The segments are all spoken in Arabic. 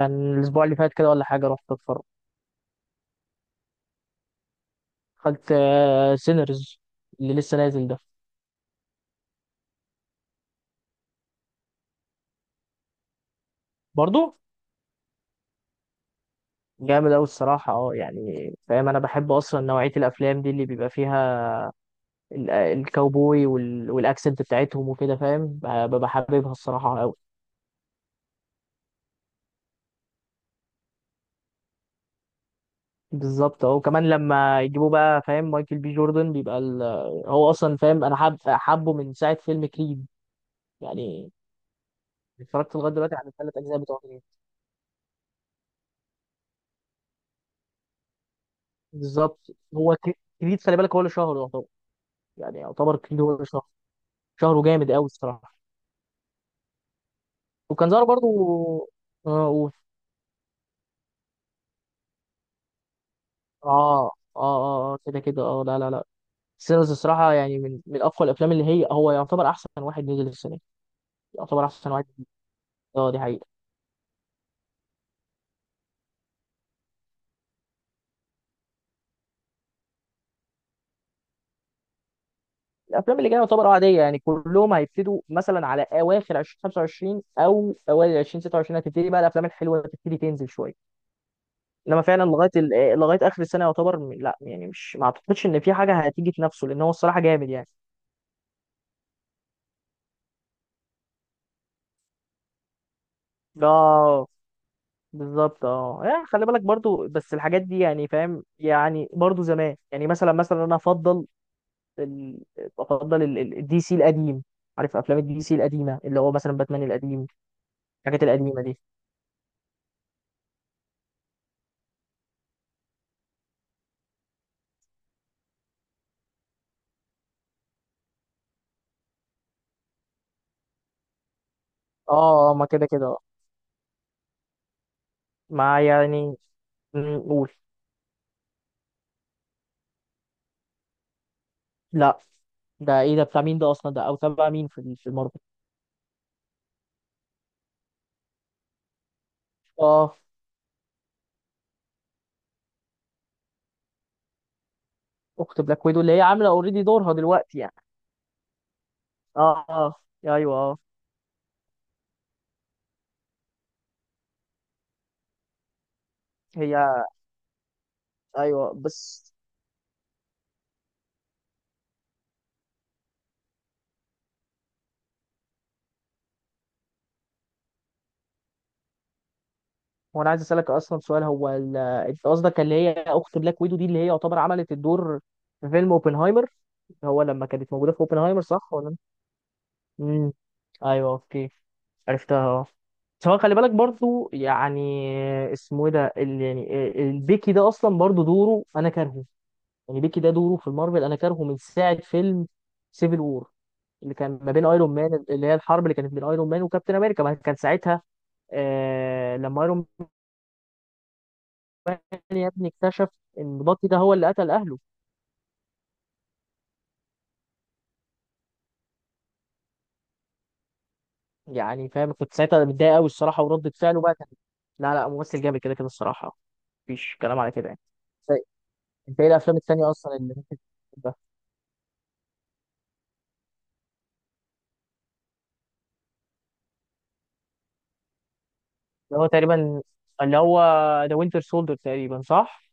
كان الاسبوع اللي فات كده ولا حاجه، رحت اتفرج. دخلت سينرز اللي لسه نازل ده. برضو جامد أوي الصراحة، اه يعني فاهم، أنا بحب أصلا نوعية الأفلام دي اللي بيبقى فيها الكاوبوي والأكسنت بتاعتهم وكده، فاهم، ببقى حاببها الصراحة أوي. بالظبط اه، وكمان لما يجيبوا بقى فاهم مايكل بي جوردن بيبقى ال... آه، هو أصلا فاهم أنا حابه من ساعة فيلم كريد يعني. اتفرجت لغاية دلوقتي على الثلاث أجزاء بتوع كريد. بالظبط. هو كريد خلي بالك هو اللي شهره، يعني يعتبر كيلو هو شهر. شهره جامد قوي الصراحه. وكان ظهر برضو. اه و- كده كده اه، لا لا لا سيلز الصراحه، يعني من اقوى الافلام، اللي هي هو يعتبر احسن واحد نزل السنه دي. يعتبر احسن واحد. اه دي حقيقه. الافلام اللي جايه يعتبر اه عاديه يعني، كلهم هيبتدوا مثلا على اواخر 2025 او اوائل 2026 هتبتدي بقى الافلام الحلوه تبتدي تنزل شويه. انما فعلا لغايه لغايه اخر السنه يعتبر م- لا يعني مش، ما اعتقدش ان في حاجه هتيجي تنافسه، لان هو الصراحه جامد يعني. ده بالظبط اه، يعني خلي بالك برضو، بس الحاجات دي يعني فاهم، يعني برضو زمان، يعني مثلا انا افضل ال... افضل الدي سي القديم. عارف افلام الدي سي القديمه، اللي هو مثلا باتمان القديم، الحاجات القديمه دي. اه. ما كده كده. مع يعني، قول. لا ده ايه ده، بتاع مين ده اصلا، ده او تبع مين في في المارفل؟ اه اخت بلاك ويدو اللي هي عامله اوريدي دورها دلوقتي يعني. اه اه ايوه اه. هي ايوه بس. وانا عايز اسالك اصلا سؤال، هو انت قصدك اللي هي اخت بلاك ويدو دي اللي هي يعتبر عملت الدور في فيلم اوبنهايمر، هو لما كانت موجوده في اوبنهايمر صح ولا؟ امم ايوه اوكي، عرفتها اه. سواء خلي بالك برضو يعني، اسمه ايه ده يعني البيكي ده اصلا، برضو دوره انا كارهه، يعني بيكي ده دوره في المارفل انا كارهه من ساعه فيلم سيفل وور، اللي كان ما بين ايرون مان، اللي هي الحرب اللي كانت بين ايرون مان وكابتن امريكا. ما كان ساعتها آه لما ايرون، يا ابني اكتشف ان بطي ده هو اللي قتل اهله. يعني فاهم، كنت ساعتها متضايق قوي الصراحه، وردة فعله بقى كان. لا لا ممثل جامد كده كده الصراحه، مفيش كلام على كده يعني. ف- انت ايه الافلام التانيه اصلا اللي ممكن تحبها؟ اللي هو تقريبا، اللي هو ذا وينتر سولدر تقريبا صح؟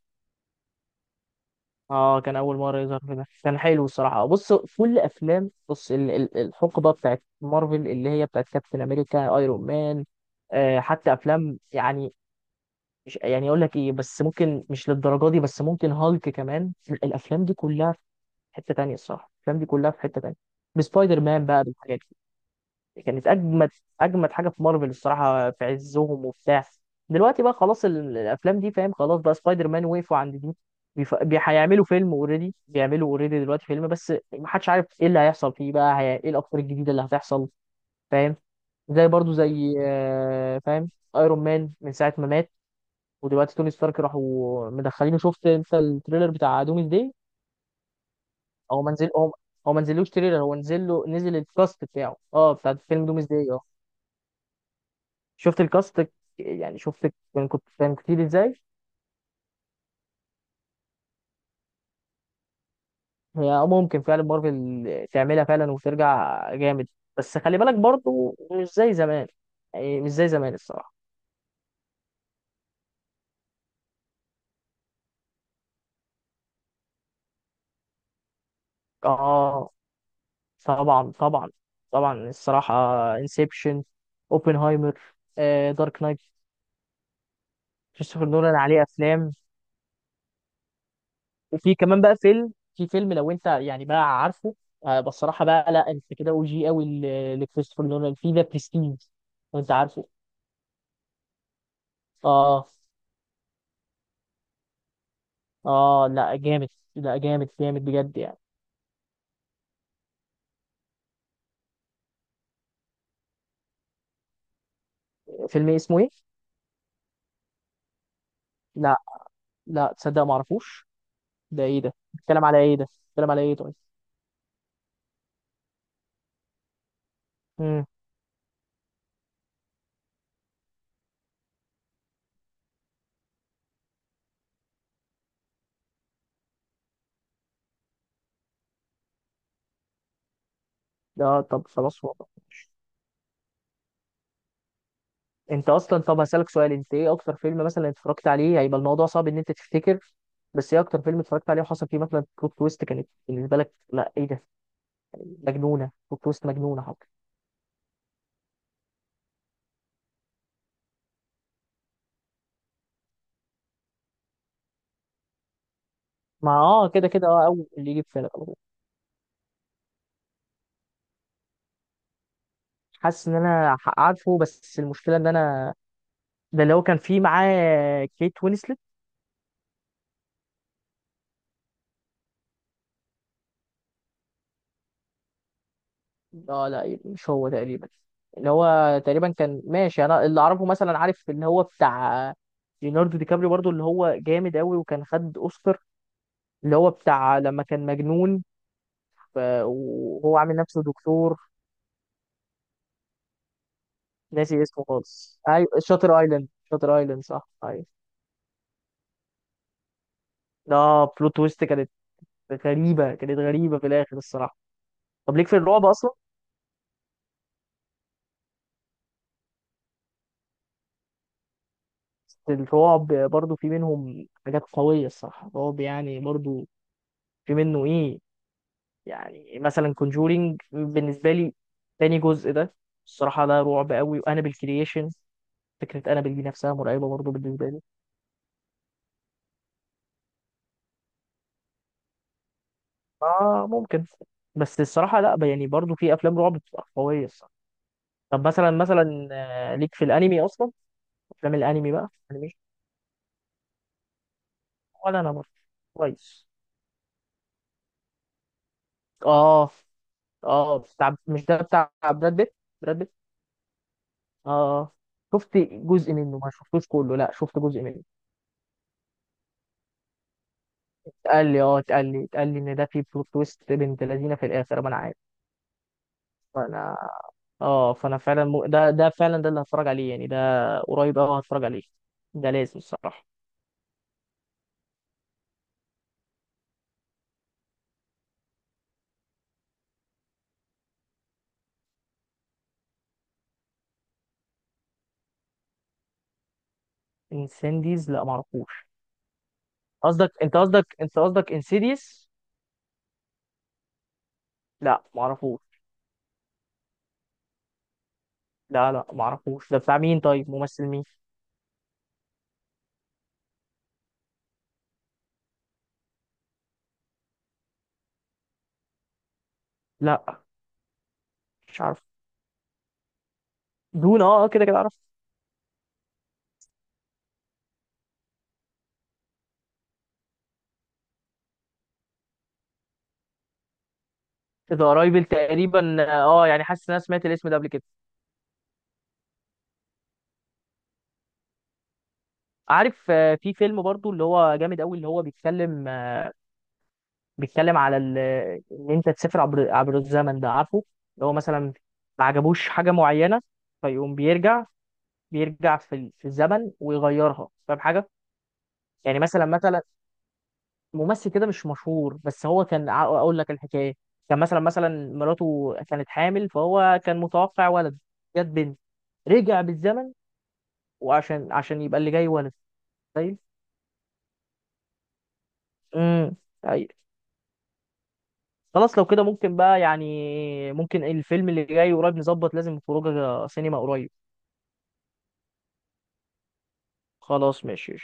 اه كان اول مره يظهر في ده، كان حلو الصراحه. بص كل افلام، بص الحقبه بتاعت مارفل، اللي هي بتاعت كابتن امريكا، ايرون مان، آه حتى افلام يعني، مش يعني اقول لك ايه، بس ممكن مش للدرجه دي، بس ممكن هالك كمان، الافلام دي كلها في حته تانية الصراحه، الافلام دي كلها في حته تانية. بسبايدر مان بقى بالحاجات دي كانت اجمد، اجمد حاجه في مارفل الصراحه، في عزهم وبتاع. دلوقتي بقى خلاص الافلام دي فاهم، خلاص بقى سبايدر مان وقفوا عند دي. هيعملوا فيلم اوريدي، بيعملوا اوريدي دلوقتي فيلم، بس محدش عارف ايه اللي هيحصل فيه بقى، ايه الافكار الجديده اللي هتحصل فاهم. زي برضو زي آه، فاهم ايرون مان من ساعه ما مات، ودلوقتي توني ستارك راحوا مدخلينه. شفت انت التريلر بتاع دومز داي؟ هو ما نزل هو هو ما نزلوش تريلر، هو نزل الكاست بتاعه اه، بتاع فيلم دومز داي اه. شفت الكاست؟ يعني شفت كان كنت كان كتير ازاي. هي اه ممكن فعلا مارفل تعملها فعلا وترجع جامد. بس خلي بالك برضو مش زي زمان، يعني مش زي زمان الصراحة. اه طبعا طبعا، طبعا الصراحة. انسبشن، اوبنهايمر، دارك نايت، كريستوفر نولان عليه افلام. وفي كمان بقى فيلم، في فيلم لو انت يعني بقى عارفه، بس الصراحه بقى لا، انت كده او جي قوي لكريستوفر نولان في ذا بريستيج، لو انت عارفه. اه. اه لا جامد، جامد بجد يعني. فيلم إيه، اسمه ايه؟ لا لا تصدق ما اعرفوش. ده ايه ده؟ بيتكلم على ايه ده؟ بيتكلم على ايه طيب؟ امم. لا طب خلاص والله. انت اصلا، طب هسألك سؤال، انت ايه اكتر فيلم مثلا اتفرجت عليه، هيبقى الموضوع صعب ان انت تفتكر بس، ايه اكتر فيلم اتفرجت عليه وحصل فيه مثلا بلوت تويست كانت بالنسبه لك لا ايه ده، مجنونه، بلوت تويست مجنونه حق؟ مع اه كده كده اه، اول اللي يجي في بالك على طول. حاسس ان انا عارفه، بس المشكله ان انا، ده اللي هو كان فيه معاه كيت وينسلت؟ اه لا مش هو تقريبا، اللي هو تقريبا كان ماشي، انا اللي اعرفه مثلا، عارف اللي هو بتاع ليوناردو دي كابريو برضو اللي هو جامد قوي، وكان خد اوسكار، اللي هو بتاع لما كان مجنون ف- وهو عامل نفسه دكتور. ناسي اسمه خالص، ايوه شاتر ايلاند، شاتر ايلاند صح، ايوه. ده بلوت تويست كانت غريبة، كانت غريبة في الآخر الصراحة. طب ليك في الرعب أصلا؟ الرعب برضو في منهم حاجات قوية الصراحة، الرعب يعني برضو في منه إيه، يعني مثلا كونجورينج بالنسبة لي، تاني جزء ده الصراحة ده رعب قوي، وأنابل كرييشن، فكرة أنابل دي نفسها مرعبة برضو بالنسبة لي. آه ممكن، بس الصراحة لأ يعني، برضو في أفلام رعب بتبقى قوية الصراحة. طب مثلا آه، ليك في الأنمي أصلا؟ أفلام الأنمي بقى، أنمي، ولا أنا برضو. كويس. آه. اه بتاع، مش ده بتاع براد بيت؟ براد بيت اه. اه. شفت جزء منه ما شفتوش كله، لا شفت جزء منه. اتقال لي، اتقال لي ان ده في بلوت تويست بنت لذينه في الاخر، ما انا عارف. فانا اه فانا فعلا ده ده فعلا ده اللي هتفرج عليه يعني، ده قريب قوي هتفرج عليه، ده لازم الصراحه. انسنديز، لا معرفوش. قصدك انت، قصدك انسيديس؟ لا معرفوش، لا لا معرفوش. ده بتاع مين طيب، ممثل مين؟ لا مش عارف. دون اه آه، كده كده عارف. ذا رايفل تقريبا، اه يعني حاسس ان انا سمعت الاسم ده قبل كده. عارف آه، في فيلم برضو اللي هو جامد قوي، اللي هو بيتكلم آه، بيتكلم على ان انت تسافر عبر الزمن، ده عارفه. اللي هو مثلا ما عجبوش حاجه معينه، فيقوم بيرجع، بيرجع في الزمن ويغيرها، فاهم حاجه. يعني مثلا ممثل كده مش مشهور، بس هو كان اقول لك الحكايه. كان مثلا مراته كانت حامل، فهو كان متوقع ولد، جت بنت، رجع بالزمن عشان يبقى اللي جاي ولد. طيب. امم. طيب، خلاص لو كده ممكن بقى يعني، ممكن الفيلم اللي جاي قريب نظبط لازم خروجه سينما قريب. خلاص ماشي.